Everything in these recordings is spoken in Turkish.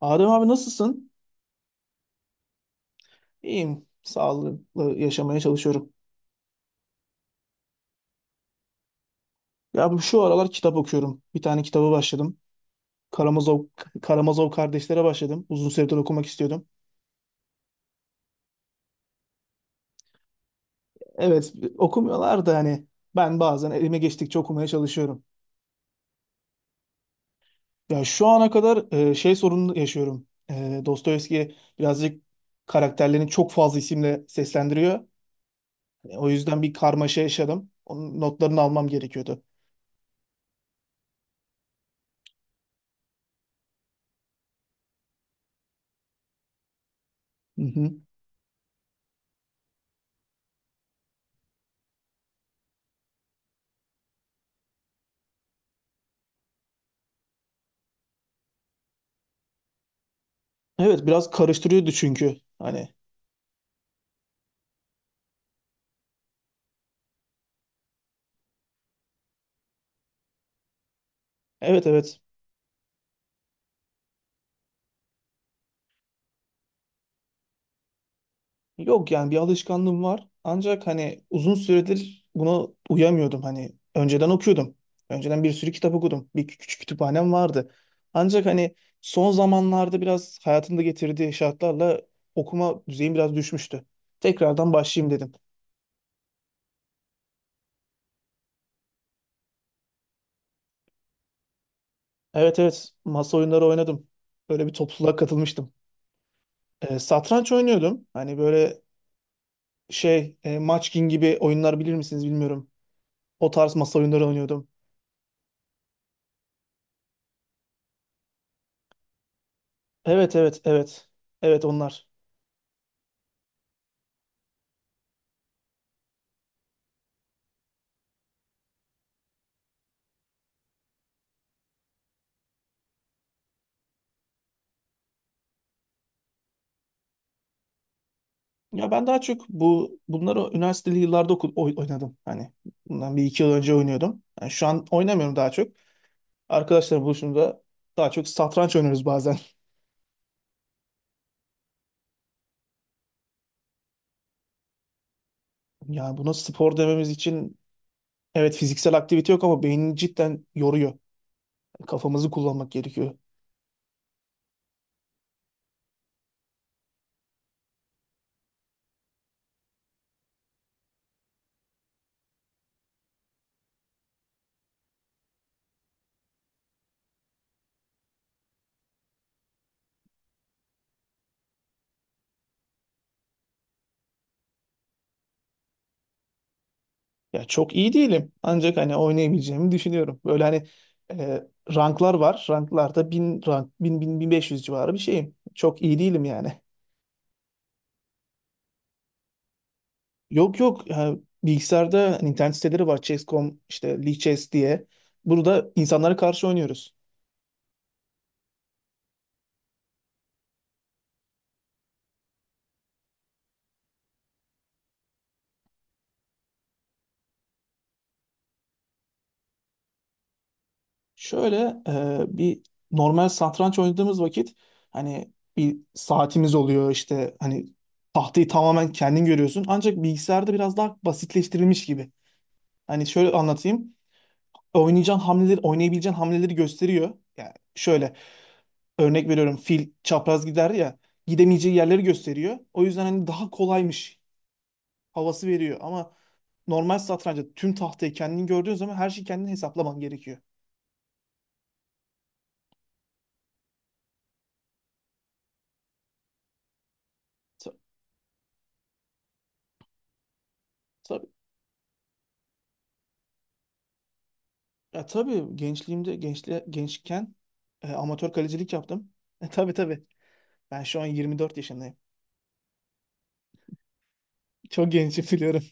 Adem abi nasılsın? İyiyim. Sağlıklı yaşamaya çalışıyorum. Ya şu aralar kitap okuyorum. Bir tane kitabı başladım. Karamazov, Karamazov Kardeşler'e başladım. Uzun süredir okumak istiyordum. Evet okumuyorlar da hani ben bazen elime geçtikçe okumaya çalışıyorum. Ya şu ana kadar şey sorunu yaşıyorum. Dostoyevski birazcık karakterlerini çok fazla isimle seslendiriyor. O yüzden bir karmaşa yaşadım. Onun notlarını almam gerekiyordu. Hı hı. Evet biraz karıştırıyordu çünkü. Hani evet evet. Yok yani bir alışkanlığım var. Ancak hani uzun süredir buna uyamıyordum. Hani önceden okuyordum. Önceden bir sürü kitap okudum. Bir küçük kütüphanem vardı. Ancak hani son zamanlarda biraz hayatımda getirdiği şartlarla okuma düzeyim biraz düşmüştü. Tekrardan başlayayım dedim. Evet evet masa oyunları oynadım. Böyle bir topluluğa katılmıştım. Satranç oynuyordum. Hani böyle şey Munchkin gibi oyunlar bilir misiniz bilmiyorum. O tarz masa oyunları oynuyordum. Evet evet evet. Evet onlar. Ya ben daha çok bunları üniversiteli yıllarda oynadım. Hani bundan bir iki yıl önce oynuyordum. Yani şu an oynamıyorum daha çok. Arkadaşlarla buluşunca daha çok satranç oynuyoruz bazen. Ya buna spor dememiz için evet fiziksel aktivite yok ama beynini cidden yoruyor. Kafamızı kullanmak gerekiyor. Ya çok iyi değilim. Ancak hani oynayabileceğimi düşünüyorum. Böyle hani e, ranklar var. Ranklarda 1000 rank, 1500 civarı bir şeyim. Çok iyi değilim yani. Yok yok. Ha, bilgisayarda hani internet siteleri var, Chess.com işte Lee Chess diye. Burada insanlara karşı oynuyoruz. Şöyle bir normal satranç oynadığımız vakit hani bir saatimiz oluyor işte hani tahtayı tamamen kendin görüyorsun. Ancak bilgisayarda biraz daha basitleştirilmiş gibi. Hani şöyle anlatayım. Oynayacağın hamleleri, oynayabileceğin hamleleri gösteriyor. Yani şöyle örnek veriyorum, fil çapraz gider ya, gidemeyeceği yerleri gösteriyor. O yüzden hani daha kolaymış havası veriyor ama normal satrançta tüm tahtayı kendin gördüğün zaman her şeyi kendin hesaplaman gerekiyor. Ta- Tabii, ya tabii gençliğimde gençken amatör kalecilik yaptım. Tabii tabii ben şu an 24 yaşındayım. Çok gençim biliyorum.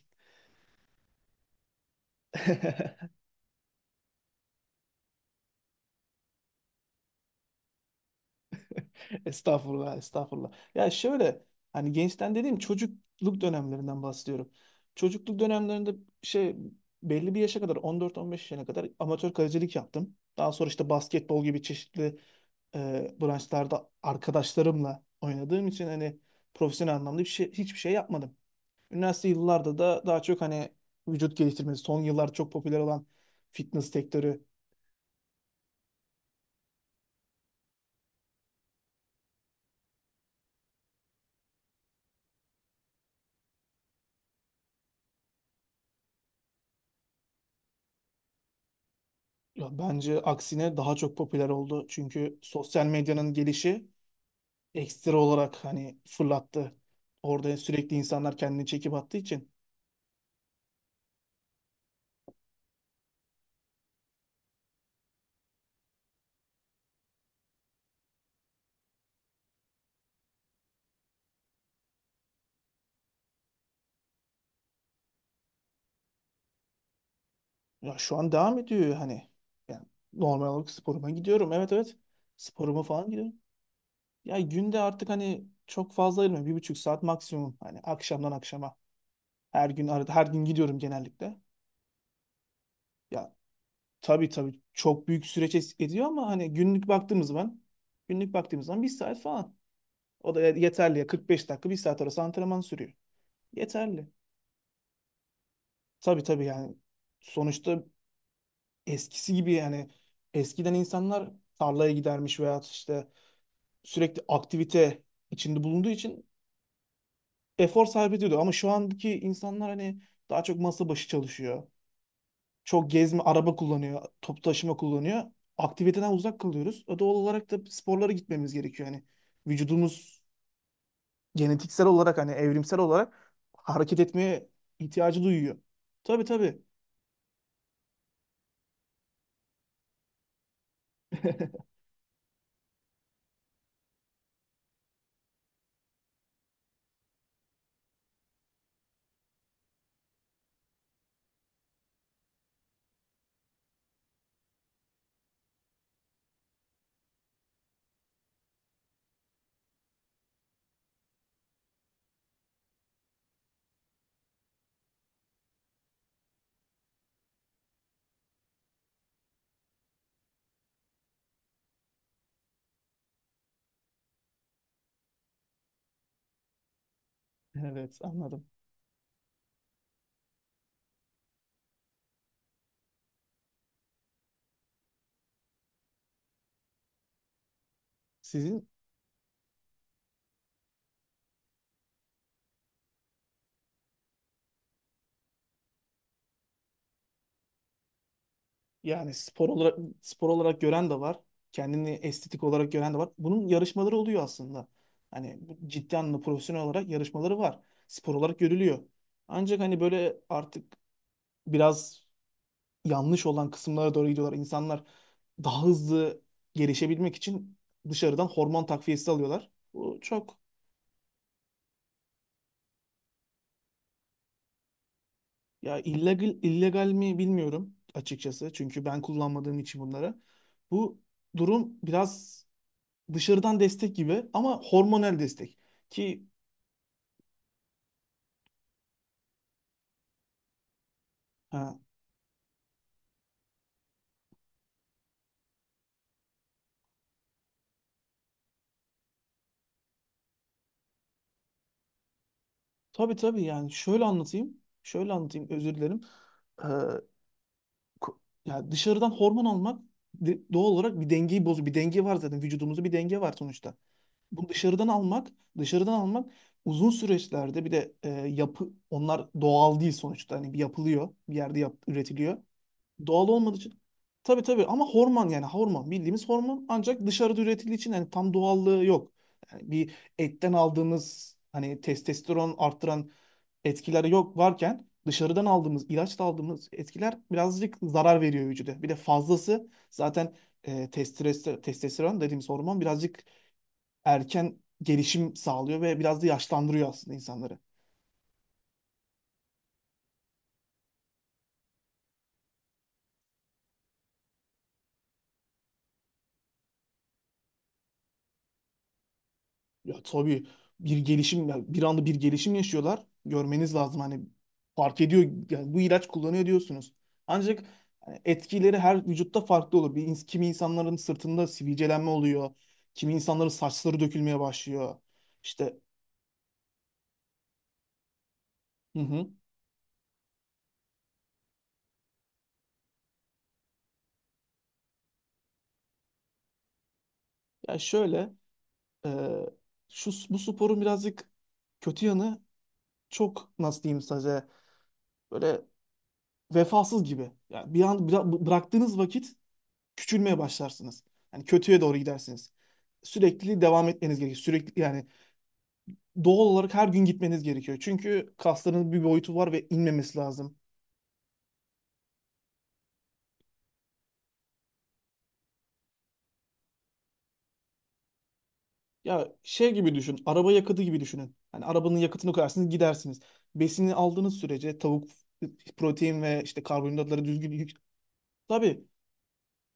Estağfurullah, estağfurullah. Ya şöyle, hani gençten dediğim çocukluk dönemlerinden bahsediyorum. Çocukluk dönemlerinde şey, belli bir yaşa kadar, 14-15 yaşına kadar amatör kalecilik yaptım. Daha sonra işte basketbol gibi çeşitli branşlarda arkadaşlarımla oynadığım için hani profesyonel anlamda hiçbir şey yapmadım. Üniversite yıllarda da daha çok hani vücut geliştirmesi, son yıllarda çok popüler olan fitness sektörü. Ya bence aksine daha çok popüler oldu. Çünkü sosyal medyanın gelişi ekstra olarak hani fırlattı. Orada sürekli insanlar kendini çekip attığı için. Ya şu an devam ediyor hani. Yani normal olarak sporuma gidiyorum. Evet evet. Sporuma falan gidiyorum. Ya günde artık hani çok fazla ayırmıyorum. 1,5 saat maksimum. Hani akşamdan akşama. Her gün, arada her gün gidiyorum genellikle. Ya tabii tabii çok büyük süreç ediyor ama hani günlük baktığımız zaman bir saat falan. O da yeterli ya, 45 dakika bir saat arası antrenman sürüyor. Yeterli. Tabii tabii yani sonuçta eskisi gibi, yani eskiden insanlar tarlaya gidermiş veya işte sürekli aktivite içinde bulunduğu için efor sarf ediyordu. Ama şu andaki insanlar hani daha çok masa başı çalışıyor. Çok gezme, araba kullanıyor, toplu taşıma kullanıyor. Aktiviteden uzak kalıyoruz. O doğal olarak da sporlara gitmemiz gerekiyor. Yani vücudumuz genetiksel olarak, hani evrimsel olarak hareket etmeye ihtiyacı duyuyor. Tabii tabii. Evet, anladım. Sizin. Yani spor olarak gören de var. Kendini estetik olarak gören de var. Bunun yarışmaları oluyor aslında. Hani bu ciddi anlamda profesyonel olarak yarışmaları var. Spor olarak görülüyor. Ancak hani böyle artık biraz yanlış olan kısımlara doğru gidiyorlar. İnsanlar daha hızlı gelişebilmek için dışarıdan hormon takviyesi alıyorlar. Bu çok, ya illegal illegal mi bilmiyorum açıkçası. Çünkü ben kullanmadığım için bunları. Bu durum biraz dışarıdan destek gibi ama hormonal destek. Ki ha, tabii tabii yani şöyle anlatayım. Şöyle anlatayım, özür dilerim. Ee, ko- ya dışarıdan hormon almak doğal olarak bir dengeyi bozuyor. Bir denge var, zaten vücudumuzda bir denge var sonuçta. Bu dışarıdan almak uzun süreçlerde, bir de yapı onlar doğal değil sonuçta. Hani bir yapılıyor, bir yerde üretiliyor. Doğal olmadığı için. Tabii tabii ama hormon, yani hormon bildiğimiz hormon, ancak dışarıda üretildiği için yani tam doğallığı yok. Yani bir etten aldığımız, hani testosteron arttıran etkileri yok, varken dışarıdan aldığımız ilaçla aldığımız etkiler birazcık zarar veriyor vücuda. Bir de fazlası zaten, testosteron dediğimiz hormon birazcık erken gelişim sağlıyor ve biraz da yaşlandırıyor aslında insanları. Ya tabii bir anda bir gelişim yaşıyorlar. Görmeniz lazım hani, fark ediyor, yani bu ilaç kullanıyor diyorsunuz. Ancak hani etkileri her vücutta farklı olur. Kimi insanların sırtında sivilcelenme oluyor. Kimi insanların saçları dökülmeye başlıyor. İşte, hı hı. Ya şöyle, e, şu bu sporun birazcık kötü yanı, çok nasıl diyeyim size, böyle vefasız gibi. Yani bir an bıraktığınız vakit küçülmeye başlarsınız. Yani kötüye doğru gidersiniz. Sürekli devam etmeniz gerekiyor. Sürekli yani doğal olarak her gün gitmeniz gerekiyor. Çünkü kasların bir boyutu var ve inmemesi lazım. Ya şey gibi düşün. Araba yakıtı gibi düşünün. Hani arabanın yakıtını koyarsınız, gidersiniz. Besini aldığınız sürece, tavuk, protein ve işte karbonhidratları düzgün yük... Tabii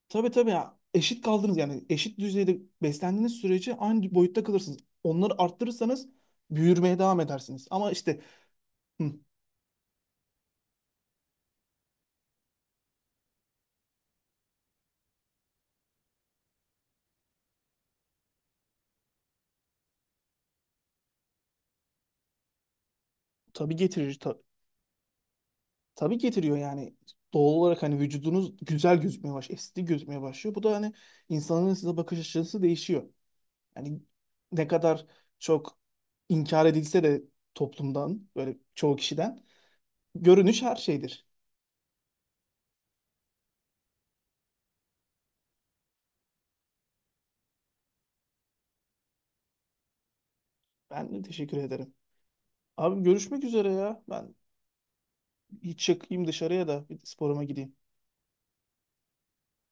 tabii tabii ya. Eşit kaldınız, yani eşit düzeyde beslendiğiniz sürece aynı boyutta kalırsınız. Onları arttırırsanız büyürmeye devam edersiniz. Ama işte, hı, tabii getirici ta- Tabii getiriyor yani. Doğal olarak hani vücudunuz güzel gözükmeye başlıyor, estetik gözükmeye başlıyor. Bu da hani insanların size bakış açısı değişiyor. Yani ne kadar çok inkar edilse de toplumdan, böyle çoğu kişiden, görünüş her şeydir. Ben de teşekkür ederim. Abi görüşmek üzere ya. Ben hiç çıkayım dışarıya da bir sporuma gideyim.